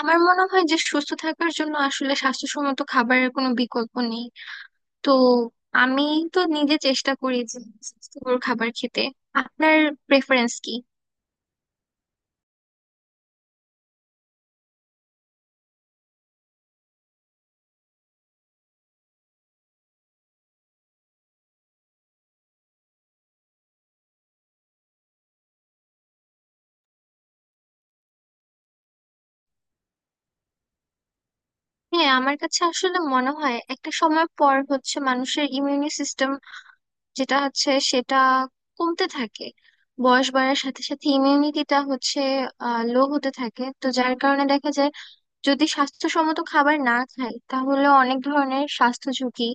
আমার মনে হয় যে সুস্থ থাকার জন্য আসলে স্বাস্থ্যসম্মত খাবারের কোনো বিকল্প নেই। তো আমি তো নিজে চেষ্টা করি যে স্বাস্থ্যকর খাবার খেতে। আপনার প্রেফারেন্স কি? হ্যাঁ, আমার কাছে আসলে মনে হয় একটা সময় পর হচ্ছে মানুষের ইমিউনি সিস্টেম, যেটা হচ্ছে সেটা কমতে থাকে। বয়স বাড়ার সাথে সাথে ইমিউনিটিটা হচ্ছে লো হতে থাকে, তো যার কারণে দেখা যায় যদি স্বাস্থ্যসম্মত খাবার না খাই তাহলে অনেক ধরনের স্বাস্থ্য ঝুঁকি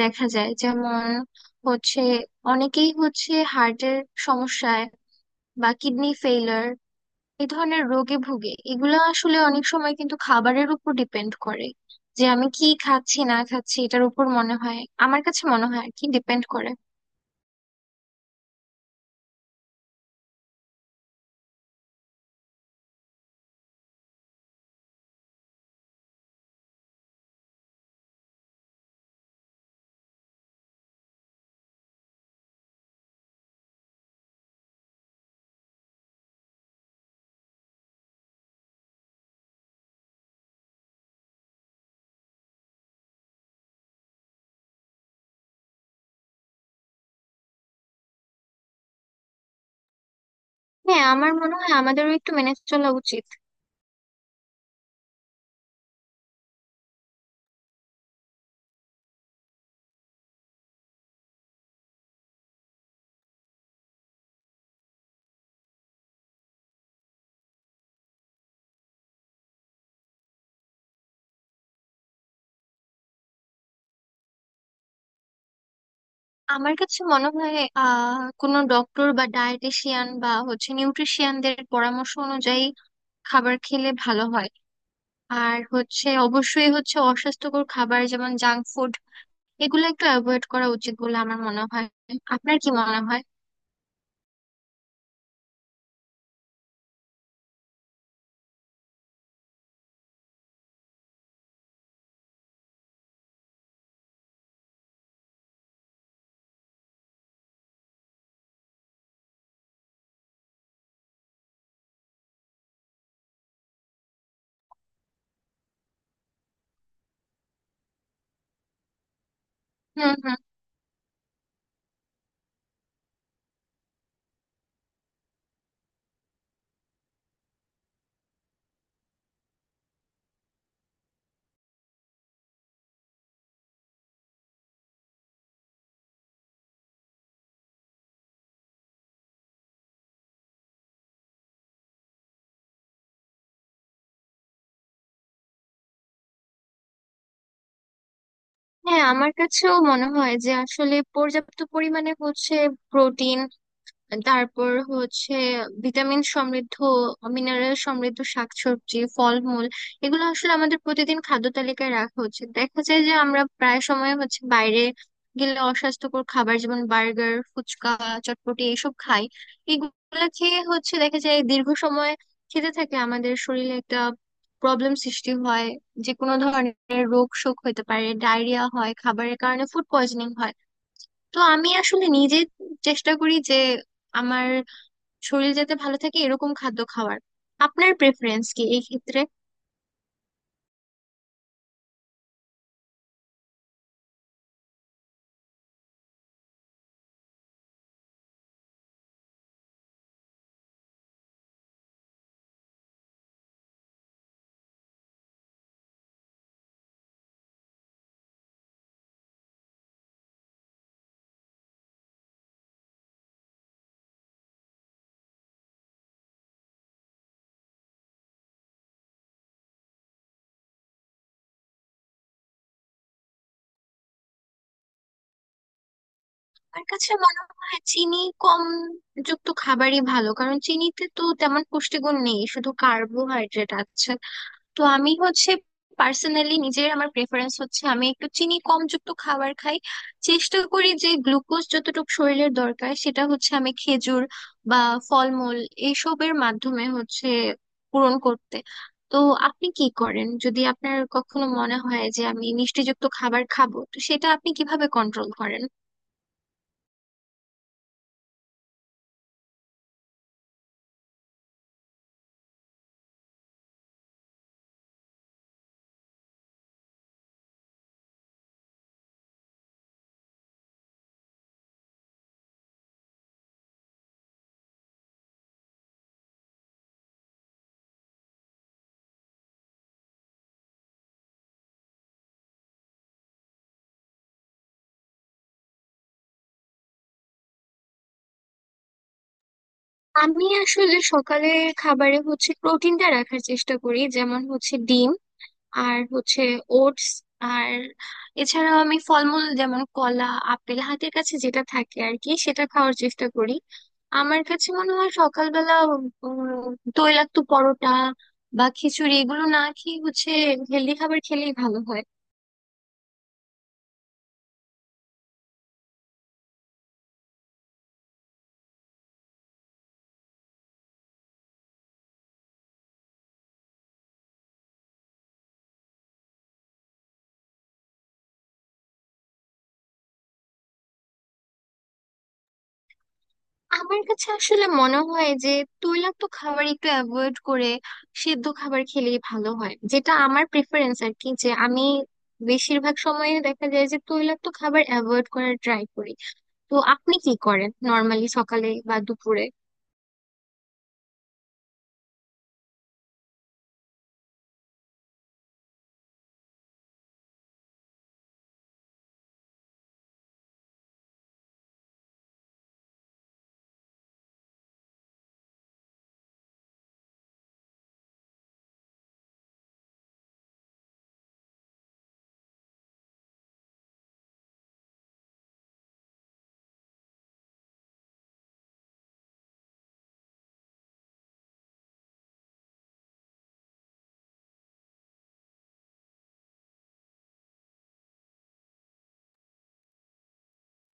দেখা যায়, যেমন হচ্ছে অনেকেই হচ্ছে হার্টের সমস্যায় বা কিডনি ফেইলার এই ধরনের রোগে ভুগে। এগুলো আসলে অনেক সময় কিন্তু খাবারের উপর ডিপেন্ড করে যে আমি কি খাচ্ছি না খাচ্ছি এটার উপর মনে হয়, আমার কাছে মনে হয় আর কি ডিপেন্ড করে। হ্যাঁ, আমার মনে হয় আমাদেরও একটু মেনে চলা উচিত। আমার কাছে মনে হয় কোনো ডক্টর বা ডায়েটিশিয়ান বা হচ্ছে নিউট্রিশিয়ানদের পরামর্শ অনুযায়ী খাবার খেলে ভালো হয়। আর হচ্ছে অবশ্যই হচ্ছে অস্বাস্থ্যকর খাবার যেমন জাঙ্ক ফুড এগুলো একটু অ্যাভয়েড করা উচিত বলে আমার মনে হয়। আপনার কি মনে হয়? হুম হুম। হ্যাঁ, আমার কাছেও মনে হয় যে আসলে পর্যাপ্ত পরিমাণে হচ্ছে প্রোটিন, তারপর হচ্ছে ভিটামিন সমৃদ্ধ, মিনারেল সমৃদ্ধ শাকসবজি, ফলমূল এগুলো আসলে আমাদের প্রতিদিন খাদ্য তালিকায় রাখা উচিত। দেখা যায় যে আমরা প্রায় সময় হচ্ছে বাইরে গেলে অস্বাস্থ্যকর খাবার যেমন বার্গার, ফুচকা, চটপটি এইসব খাই। এগুলো খেয়ে হচ্ছে দেখা যায় দীর্ঘ সময় খেতে থাকে আমাদের শরীরে একটা প্রবলেম সৃষ্টি হয়, যে কোনো ধরনের রোগ শোক হতে পারে, ডায়রিয়া হয় খাবারের কারণে, ফুড পয়জনিং হয়। তো আমি আসলে নিজে চেষ্টা করি যে আমার শরীর যাতে ভালো থাকে এরকম খাদ্য খাওয়ার। আপনার প্রেফারেন্স কি এই ক্ষেত্রে? আমার কাছে মনে হয় চিনি কম যুক্ত খাবারই ভালো, কারণ চিনিতে তো তেমন পুষ্টিগুণ নেই, শুধু কার্বোহাইড্রেট আছে। তো আমি হচ্ছে পার্সোনালি নিজের আমার প্রেফারেন্স হচ্ছে আমি একটু চিনি কম যুক্ত খাবার খাই। চেষ্টা করি যে গ্লুকোজ যতটুকু শরীরের দরকার সেটা হচ্ছে আমি খেজুর বা ফলমূল এইসবের মাধ্যমে হচ্ছে পূরণ করতে। তো আপনি কি করেন যদি আপনার কখনো মনে হয় যে আমি মিষ্টিযুক্ত খাবার খাবো, তো সেটা আপনি কিভাবে কন্ট্রোল করেন? আমি আসলে সকালের খাবারে হচ্ছে প্রোটিনটা রাখার চেষ্টা করি, যেমন হচ্ছে ডিম আর হচ্ছে ওটস। আর এছাড়াও আমি ফলমূল যেমন কলা, আপেল হাতের কাছে যেটা থাকে আর কি সেটা খাওয়ার চেষ্টা করি। আমার কাছে মনে হয় সকালবেলা তৈলাক্ত পরোটা বা খিচুড়ি এগুলো না খেয়ে হচ্ছে হেলদি খাবার খেলেই ভালো হয়। আমার কাছে আসলে মনে হয় যে তৈলাক্ত খাবার একটু অ্যাভয়েড করে সেদ্ধ খাবার খেলেই ভালো হয়, যেটা আমার প্রেফারেন্স আর কি, যে আমি বেশিরভাগ সময়ে দেখা যায় যে তৈলাক্ত খাবার অ্যাভয়েড করার ট্রাই করি। তো আপনি কি করেন নর্মালি সকালে বা দুপুরে?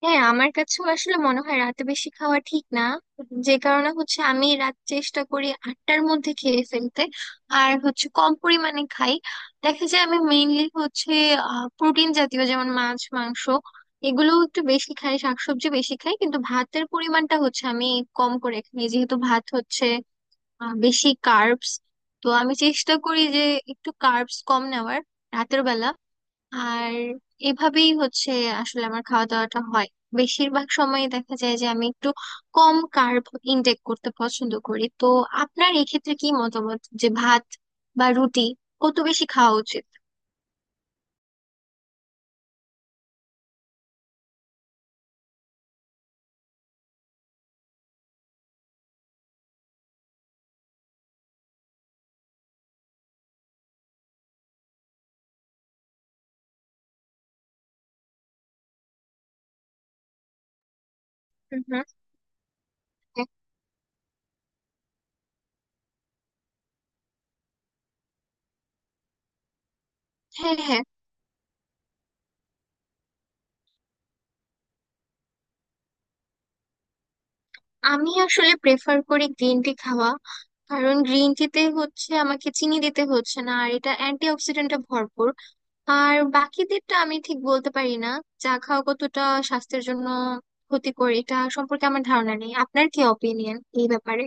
হ্যাঁ, আমার কাছেও আসলে মনে হয় রাতে বেশি খাওয়া ঠিক না। যে কারণে হচ্ছে আমি রাত চেষ্টা করি 8টার মধ্যে খেয়ে ফেলতে। আর হচ্ছে কম পরিমাণে খাই। দেখা যায় আমি মেইনলি হচ্ছে প্রোটিন জাতীয় যেমন মাছ, মাংস এগুলো একটু বেশি খাই, শাকসবজি বেশি খাই কিন্তু ভাতের পরিমাণটা হচ্ছে আমি কম করে খাই, যেহেতু ভাত হচ্ছে বেশি কার্বস। তো আমি চেষ্টা করি যে একটু কার্বস কম নেওয়ার রাতের বেলা। আর এভাবেই হচ্ছে আসলে আমার খাওয়া দাওয়াটা হয় বেশিরভাগ সময়, দেখা যায় যে আমি একটু কম কার্ব ইনটেক করতে পছন্দ করি। তো আপনার এক্ষেত্রে কি মতামত যে ভাত বা রুটি কত বেশি খাওয়া উচিত? হুম হুম। হ্যাঁ হ্যাঁ। আমি আসলে প্রেফার করি গ্রিন টি খাওয়া, কারণ গ্রিন টিতে হচ্ছে আমাকে চিনি দিতে হচ্ছে না আর এটা অ্যান্টি। আর বাকিদেরটা আমি ঠিক বলতে পারি না চা খাওয়া কতটা স্বাস্থ্যের জন্য ক্ষতিকর, এটা সম্পর্কে আমার ধারণা নেই। আপনার কি অপিনিয়ন এই ব্যাপারে?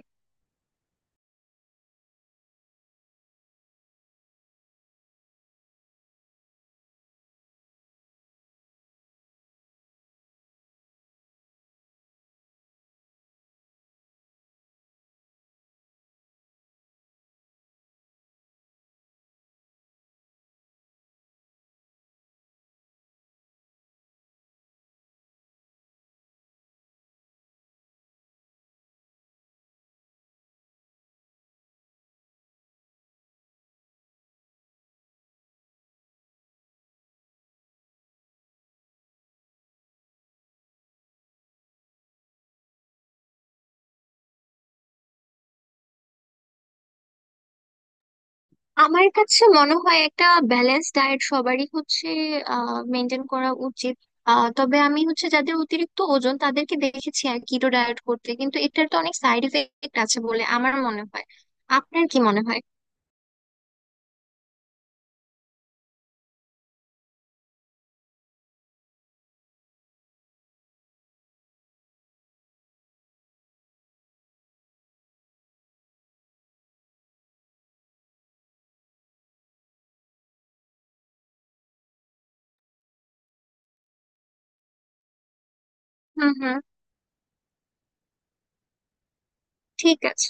আমার কাছে মনে হয় একটা ব্যালেন্স ডায়েট সবারই হচ্ছে মেনটেন করা উচিত। তবে আমি হচ্ছে যাদের অতিরিক্ত ওজন তাদেরকে দেখেছি আর কিটো ডায়েট করতে, কিন্তু এটার তো অনেক সাইড এফেক্ট আছে বলে আমার মনে হয়। আপনার কি মনে হয়? হুম হুম। ঠিক আছে।